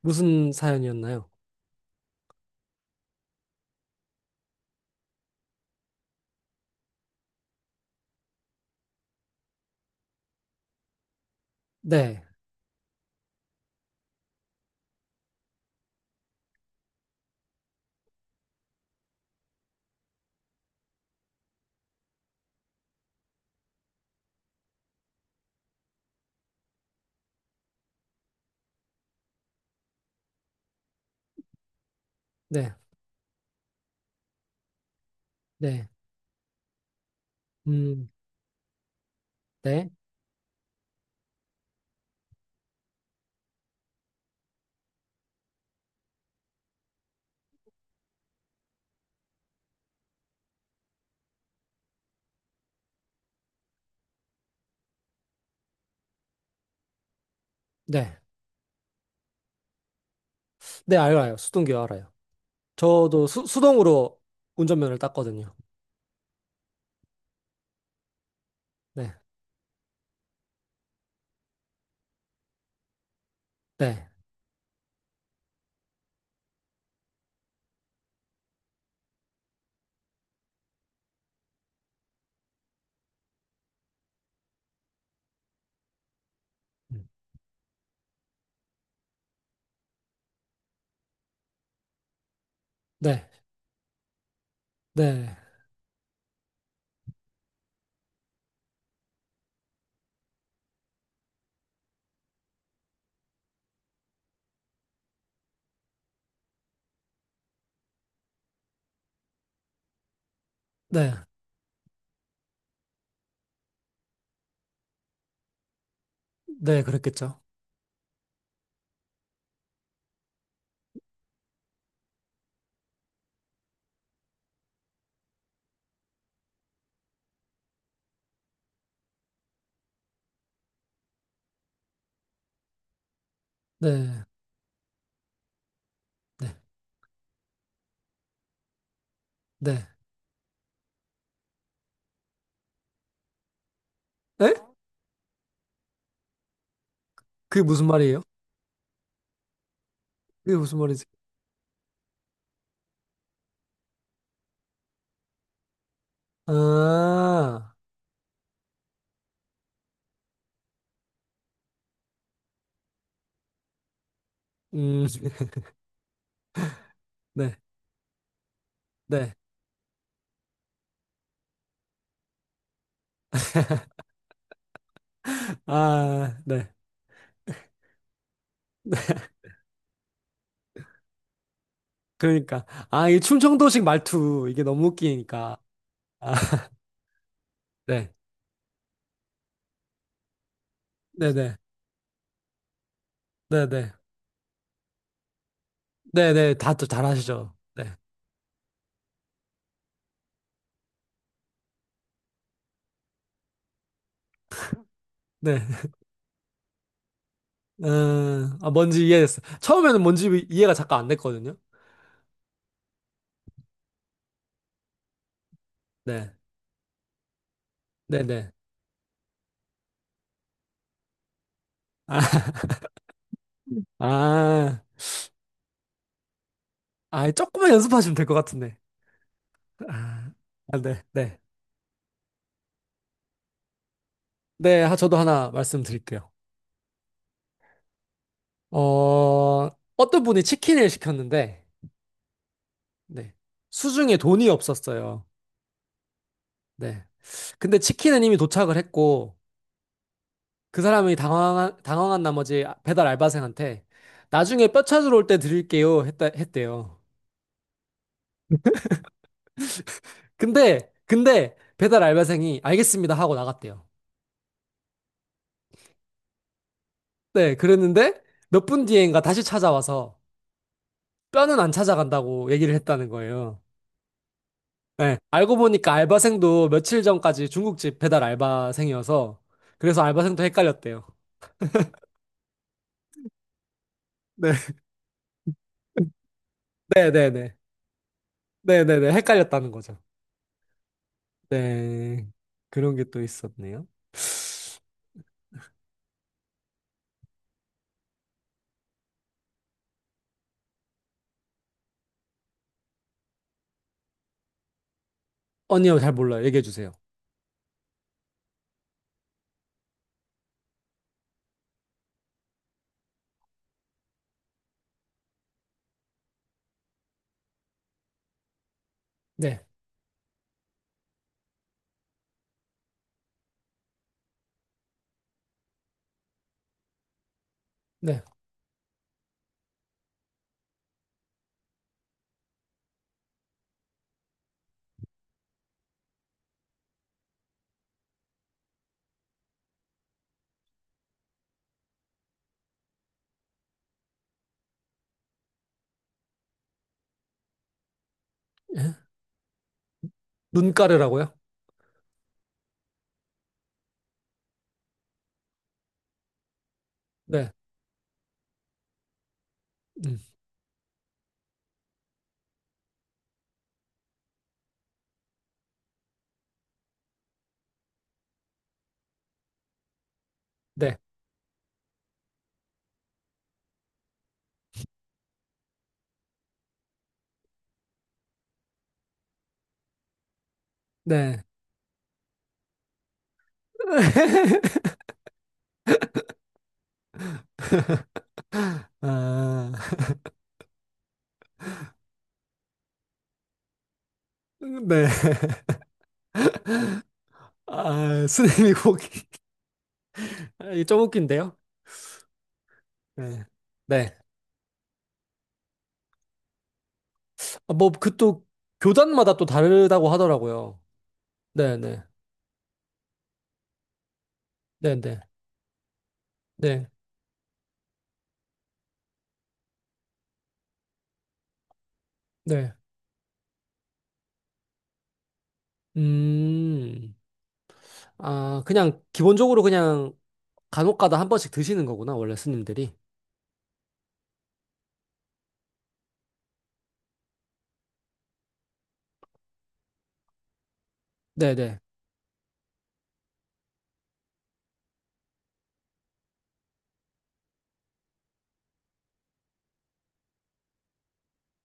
무슨 사연이었나요? 네, 네, 네, 음, 네, 네, 네, 알아요. 수동기어 알아요. 저도 수동으로 운전면허를 땄거든요. 네, 네, 음, 네, 네, 네, 네, 그랬겠죠. 네, 네, 네. 에? 그게 무슨 말이에요? 그게 무슨 말이지? 아, 음, 네, 네, 아, 네, 네. 그러니까, 아, 이 충청도식 말투 이게 너무 웃기니까. 아, 네, 네, 네. 네네. 네네. 다, 잘 하시죠. 네. 네. 아, 뭔지 이해됐어. 처음에는 뭔지 이해가 잠깐 안 됐거든요. 네. 네네. 아, 아, 아, 조금만 연습하시면 될 것 같은데. 아, 아, 네. 네. 네. 아, 저도 하나 말씀드릴게요. 어, 어떤 분이 치킨을 시켰는데, 네. 수중에 돈이 없었어요. 네. 근데 치킨은 이미 도착을 했고, 그 사람이 당황한 나머지 배달 알바생한테 나중에 뼈 찾으러 올 때 드릴게요 했대요. 근데 배달 알바생이 알겠습니다 하고 나갔대요. 네, 그랬는데 몇 분 뒤엔가 다시 찾아와서 뼈는 안 찾아간다고 얘기를 했다는 거예요. 네, 알고 보니까 알바생도 며칠 전까지 중국집 배달 알바생이어서 그래서 알바생도 헷갈렸대요. 네, 네네네. 네네네. 헷갈렸다는 거죠. 네, 그런 게 또 있었네요. 아니요, 잘 몰라요. 얘기해 주세요. 네, 네. 예? 눈가르라고요? 네, 음, 네, 네. 아, 네. 아, 스님이 고기. 아, 이게 좀 웃긴데요? 네. 네. 아, 뭐, 그 또, 교단마다 또 다르다고 하더라고요. 네, 네. 네, 네. 네, 네. 음, 아, 그냥, 기본적으로 그냥, 간혹 가다 한 번씩 드시는 거구나, 원래 스님들이. 네, 네.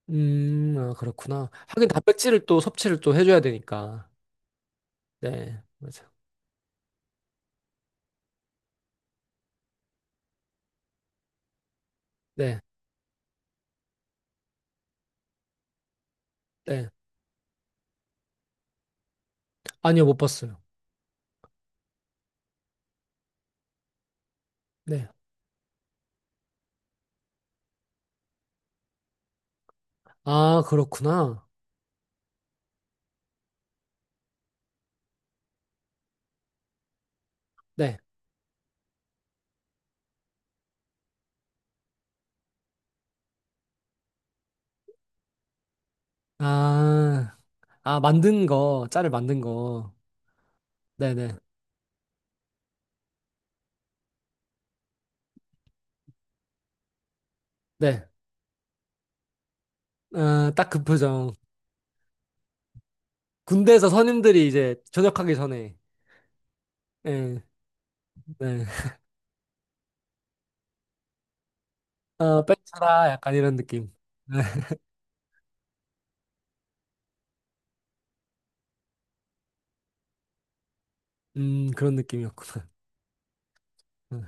아, 그렇구나. 하긴 단백질을 또 섭취를 또 해줘야 되니까. 네, 맞아. 네, 네. 아니요, 못 봤어요. 네. 아, 그렇구나. 네. 아, 아, 만든 거, 짤을 만든 거. 네네. 네. 네. 아, 딱 그 표정. 군대에서 선임들이 이제 전역하기 전에. 네, 네. 아, 뺑쳐라. 약간 이런 느낌. 네. 그런 느낌이었구나. 음,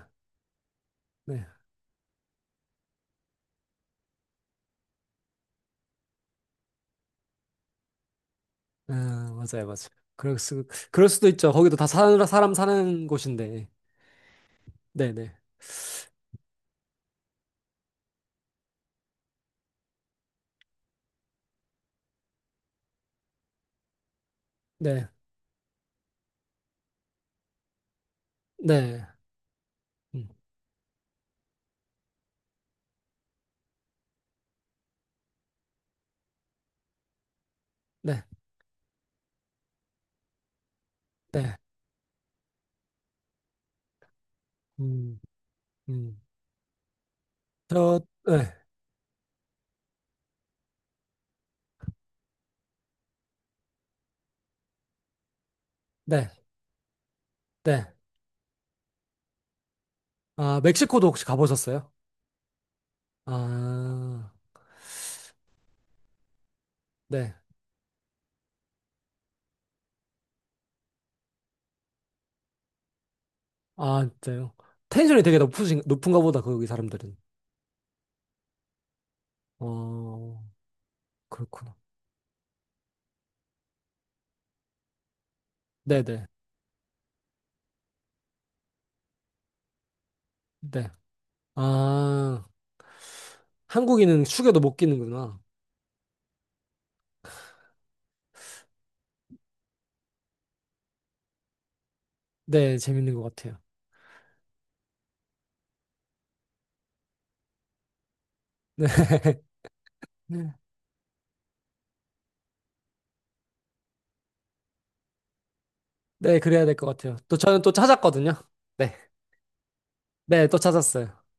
네. 아, 맞아요, 맞아요. 그럴 수, 그럴 수도 있죠. 거기도 다 사람 사는 곳인데. 네네. 네. 네. 음, 네. 네. 음. 음. 저 네. 네. 네. 아, 멕시코도 혹시 가보셨어요? 아. 네. 아, 진짜요? 텐션이 되게 높으신 높은가 보다 거기 사람들은. 어. 그렇구나. 네네. 네. 네. 아, 한국인은 숙여도 못 끼는구나. 네, 재밌는 것 같아요. 네. 네, 그래야 될 것 같아요. 또 저는 또 찾았거든요. 네. 네, 또 찾았어요.